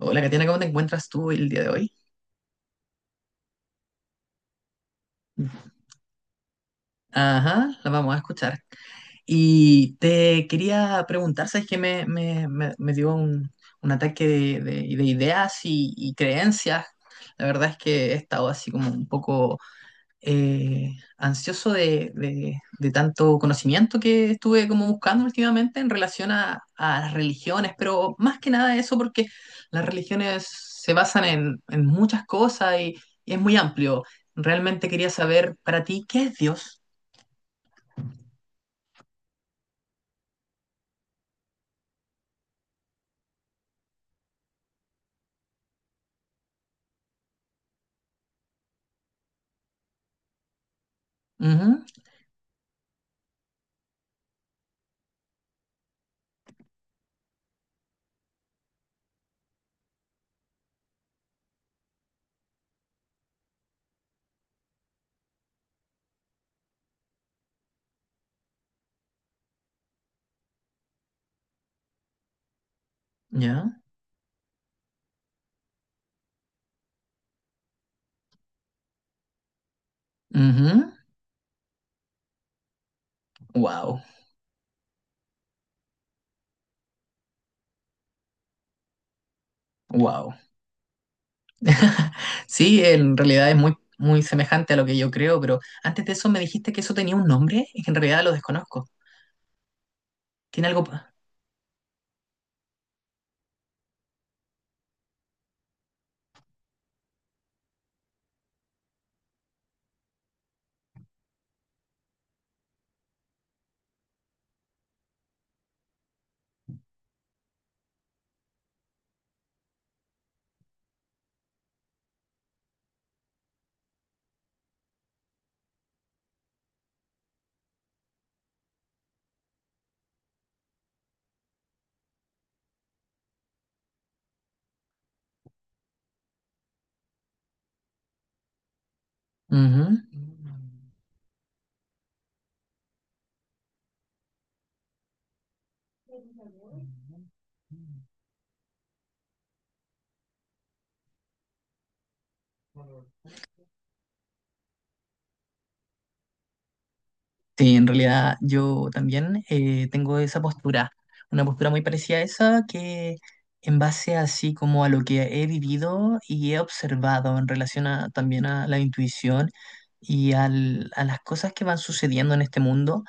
Hola, Katiana, ¿cómo te encuentras tú el día de hoy? Ajá, la vamos a escuchar. Y te quería preguntar, ¿sabes qué? Me dio un ataque de ideas y creencias. La verdad es que he estado así como un poco ansioso de tanto conocimiento que estuve como buscando últimamente en relación a las religiones, pero más que nada eso porque las religiones se basan en muchas cosas y es muy amplio. Realmente quería saber para ti, ¿qué es Dios? Ujú. Ya. Ujú. Wow. Wow. Sí, en realidad es muy semejante a lo que yo creo, pero antes de eso me dijiste que eso tenía un nombre y que en realidad lo desconozco. ¿Tiene algo? Ujú. Sí, en realidad yo también tengo esa postura, una postura muy parecida a esa que en base así como a lo que he vivido y he observado en relación a, también a la intuición y a las cosas que van sucediendo en este mundo.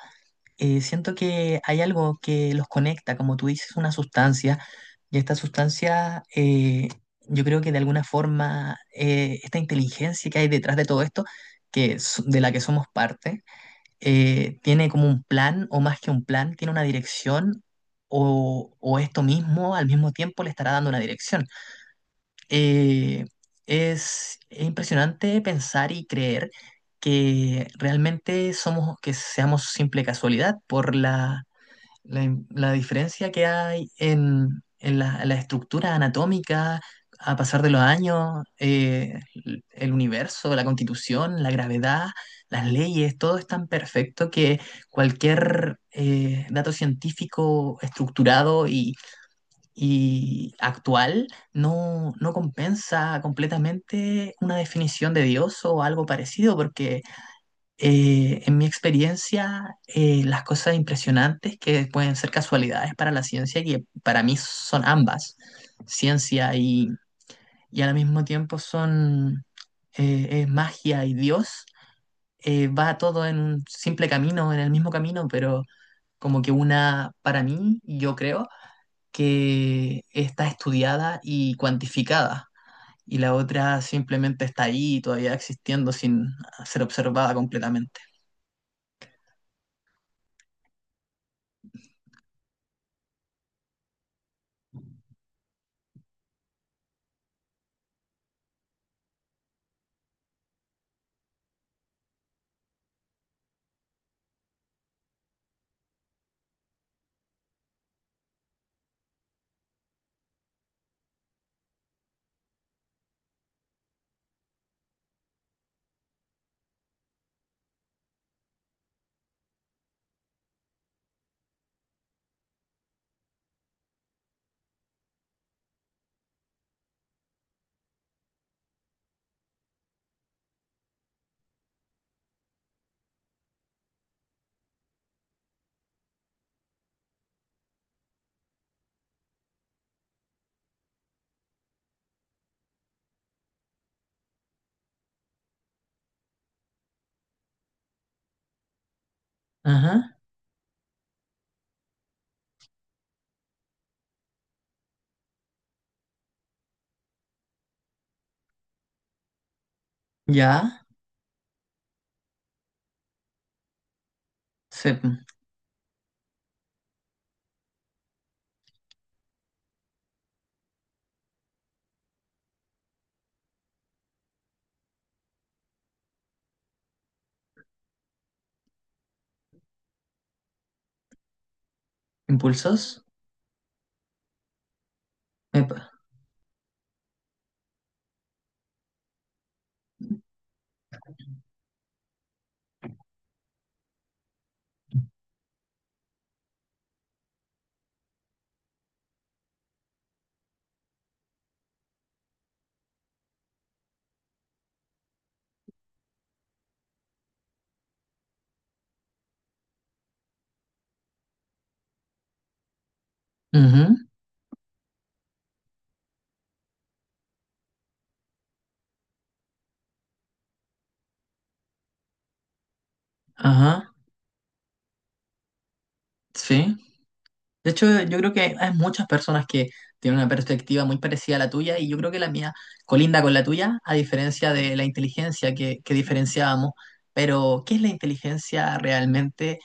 Siento que hay algo que los conecta, como tú dices, una sustancia, y esta sustancia, yo creo que de alguna forma, esta inteligencia que hay detrás de todo esto, de la que somos parte, tiene como un plan, o más que un plan, tiene una dirección, o esto mismo al mismo tiempo le estará dando una dirección. Eh, es impresionante pensar y creer que realmente somos, que seamos simple casualidad por la diferencia que hay en la estructura anatómica a pasar de los años, el universo, la constitución, la gravedad, las leyes, todo es tan perfecto que cualquier dato científico estructurado y actual no compensa completamente una definición de Dios o algo parecido, porque en mi experiencia, las cosas impresionantes que pueden ser casualidades para la ciencia, que para mí son ambas, ciencia y al mismo tiempo son es magia y Dios, va todo en un simple camino, en el mismo camino, pero como que una, para mí, yo creo que está estudiada y cuantificada. Y la otra simplemente está ahí, todavía existiendo sin ser observada completamente. Ajá, ya. Sí, po. Impulsos. Epa. Ujú. Ajá, sí. De hecho, yo creo que hay muchas personas que tienen una perspectiva muy parecida a la tuya y yo creo que la mía colinda con la tuya, a diferencia de la inteligencia que diferenciábamos. Pero, ¿qué es la inteligencia realmente?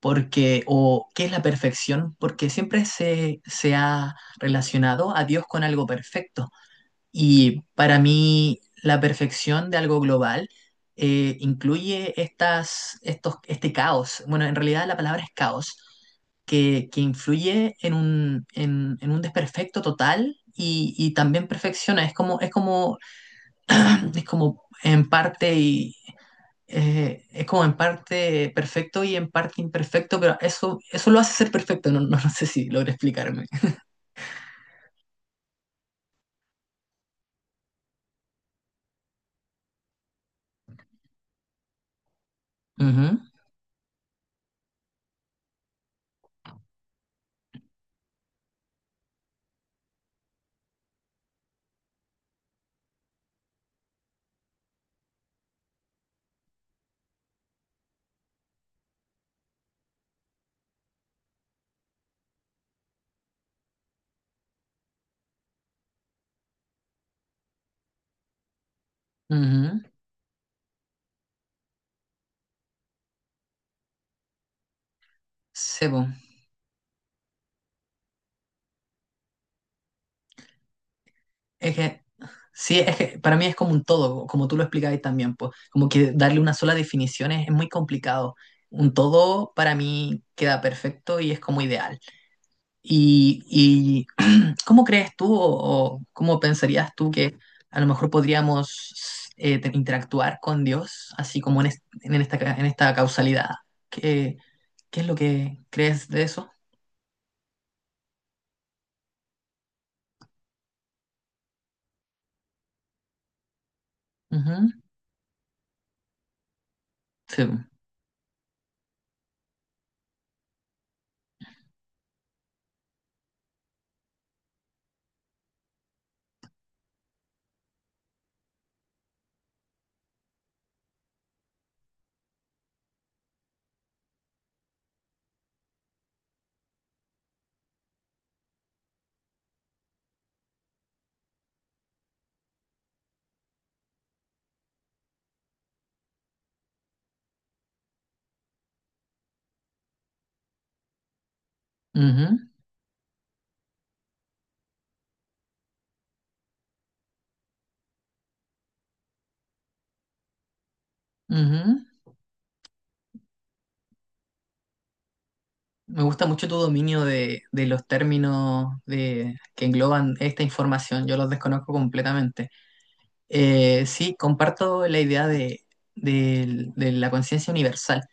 Porque, o ¿qué es la perfección? Porque siempre se ha relacionado a Dios con algo perfecto. Y para mí, la perfección de algo global incluye este caos. Bueno, en realidad la palabra es caos, que influye en en un desperfecto total y también perfecciona. Es como, es como en parte es como en parte perfecto y en parte imperfecto, pero eso lo hace ser perfecto. No sé si logré explicarme. Ujú, ujú. Sebo. Es que, sí, es que para mí es como un todo, como tú lo explicabas también, pues, como que darle una sola definición es muy complicado. Un todo para mí queda perfecto y es como ideal. Y cómo crees tú o cómo pensarías tú que a lo mejor podríamos interactuar con Dios, así como en esta, en esta causalidad? ¿Qué, qué es lo que crees de eso? Ujú, sí, ujú, ujú. Me gusta mucho tu dominio de los términos de, que engloban esta información. Yo los desconozco completamente. Sí, comparto la idea de, de la conciencia universal,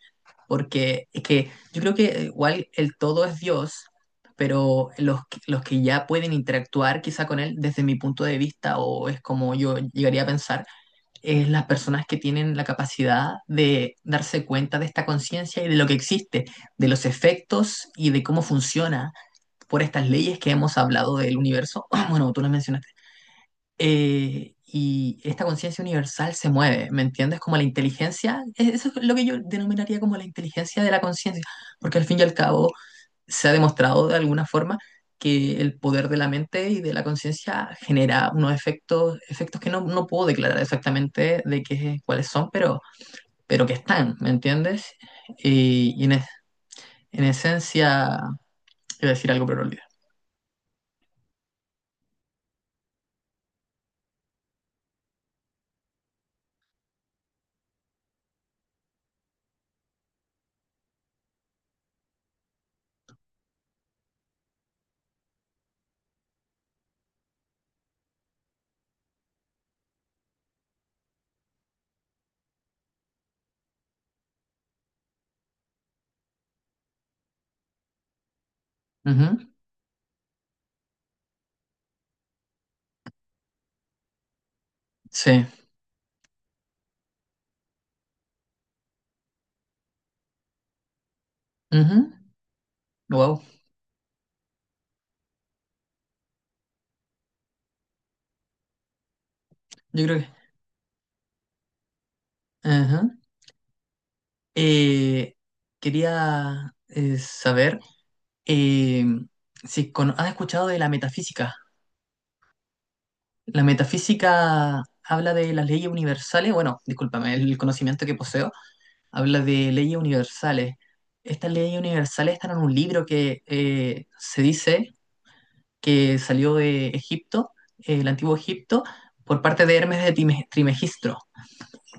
porque es que yo creo que igual el todo es Dios, pero los que ya pueden interactuar quizá con él, desde mi punto de vista, o es como yo llegaría a pensar es las personas que tienen la capacidad de darse cuenta de esta conciencia y de lo que existe, de los efectos y de cómo funciona por estas leyes que hemos hablado del universo. Bueno, tú las mencionaste. Y esta conciencia universal se mueve, ¿me entiendes? Como la inteligencia, eso es lo que yo denominaría como la inteligencia de la conciencia, porque al fin y al cabo se ha demostrado de alguna forma que el poder de la mente y de la conciencia genera unos efectos, efectos que no puedo declarar exactamente de qué, cuáles son, pero que están, ¿me entiendes? Y, y en, es- en esencia, iba a decir algo, pero lo olvidé. Ujú. Sí. Wow. Yo creo que... ajá. Eh, quería saber eh, si has escuchado de la metafísica. La metafísica habla de las leyes universales, bueno, discúlpame, el conocimiento que poseo habla de leyes universales. Estas leyes universales están en un libro que se dice que salió de Egipto, el antiguo Egipto, por parte de Hermes de Trimegistro.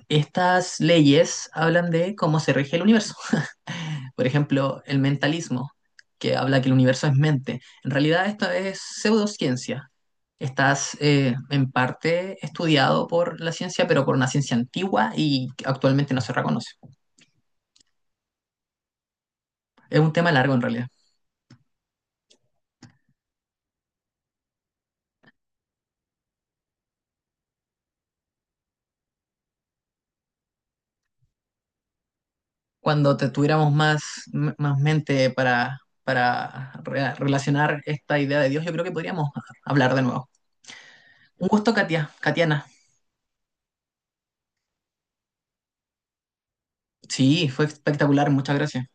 Estas leyes hablan de cómo se rige el universo. Por ejemplo, el mentalismo, que habla que el universo es mente. En realidad esto es pseudociencia. Estás en parte estudiado por la ciencia, pero por una ciencia antigua y que actualmente no se reconoce. Es un tema largo en realidad. Cuando te tuviéramos más, más mente para relacionar esta idea de Dios, yo creo que podríamos hablar de nuevo. Un gusto, Katia, Katiana. Sí, fue espectacular, muchas gracias.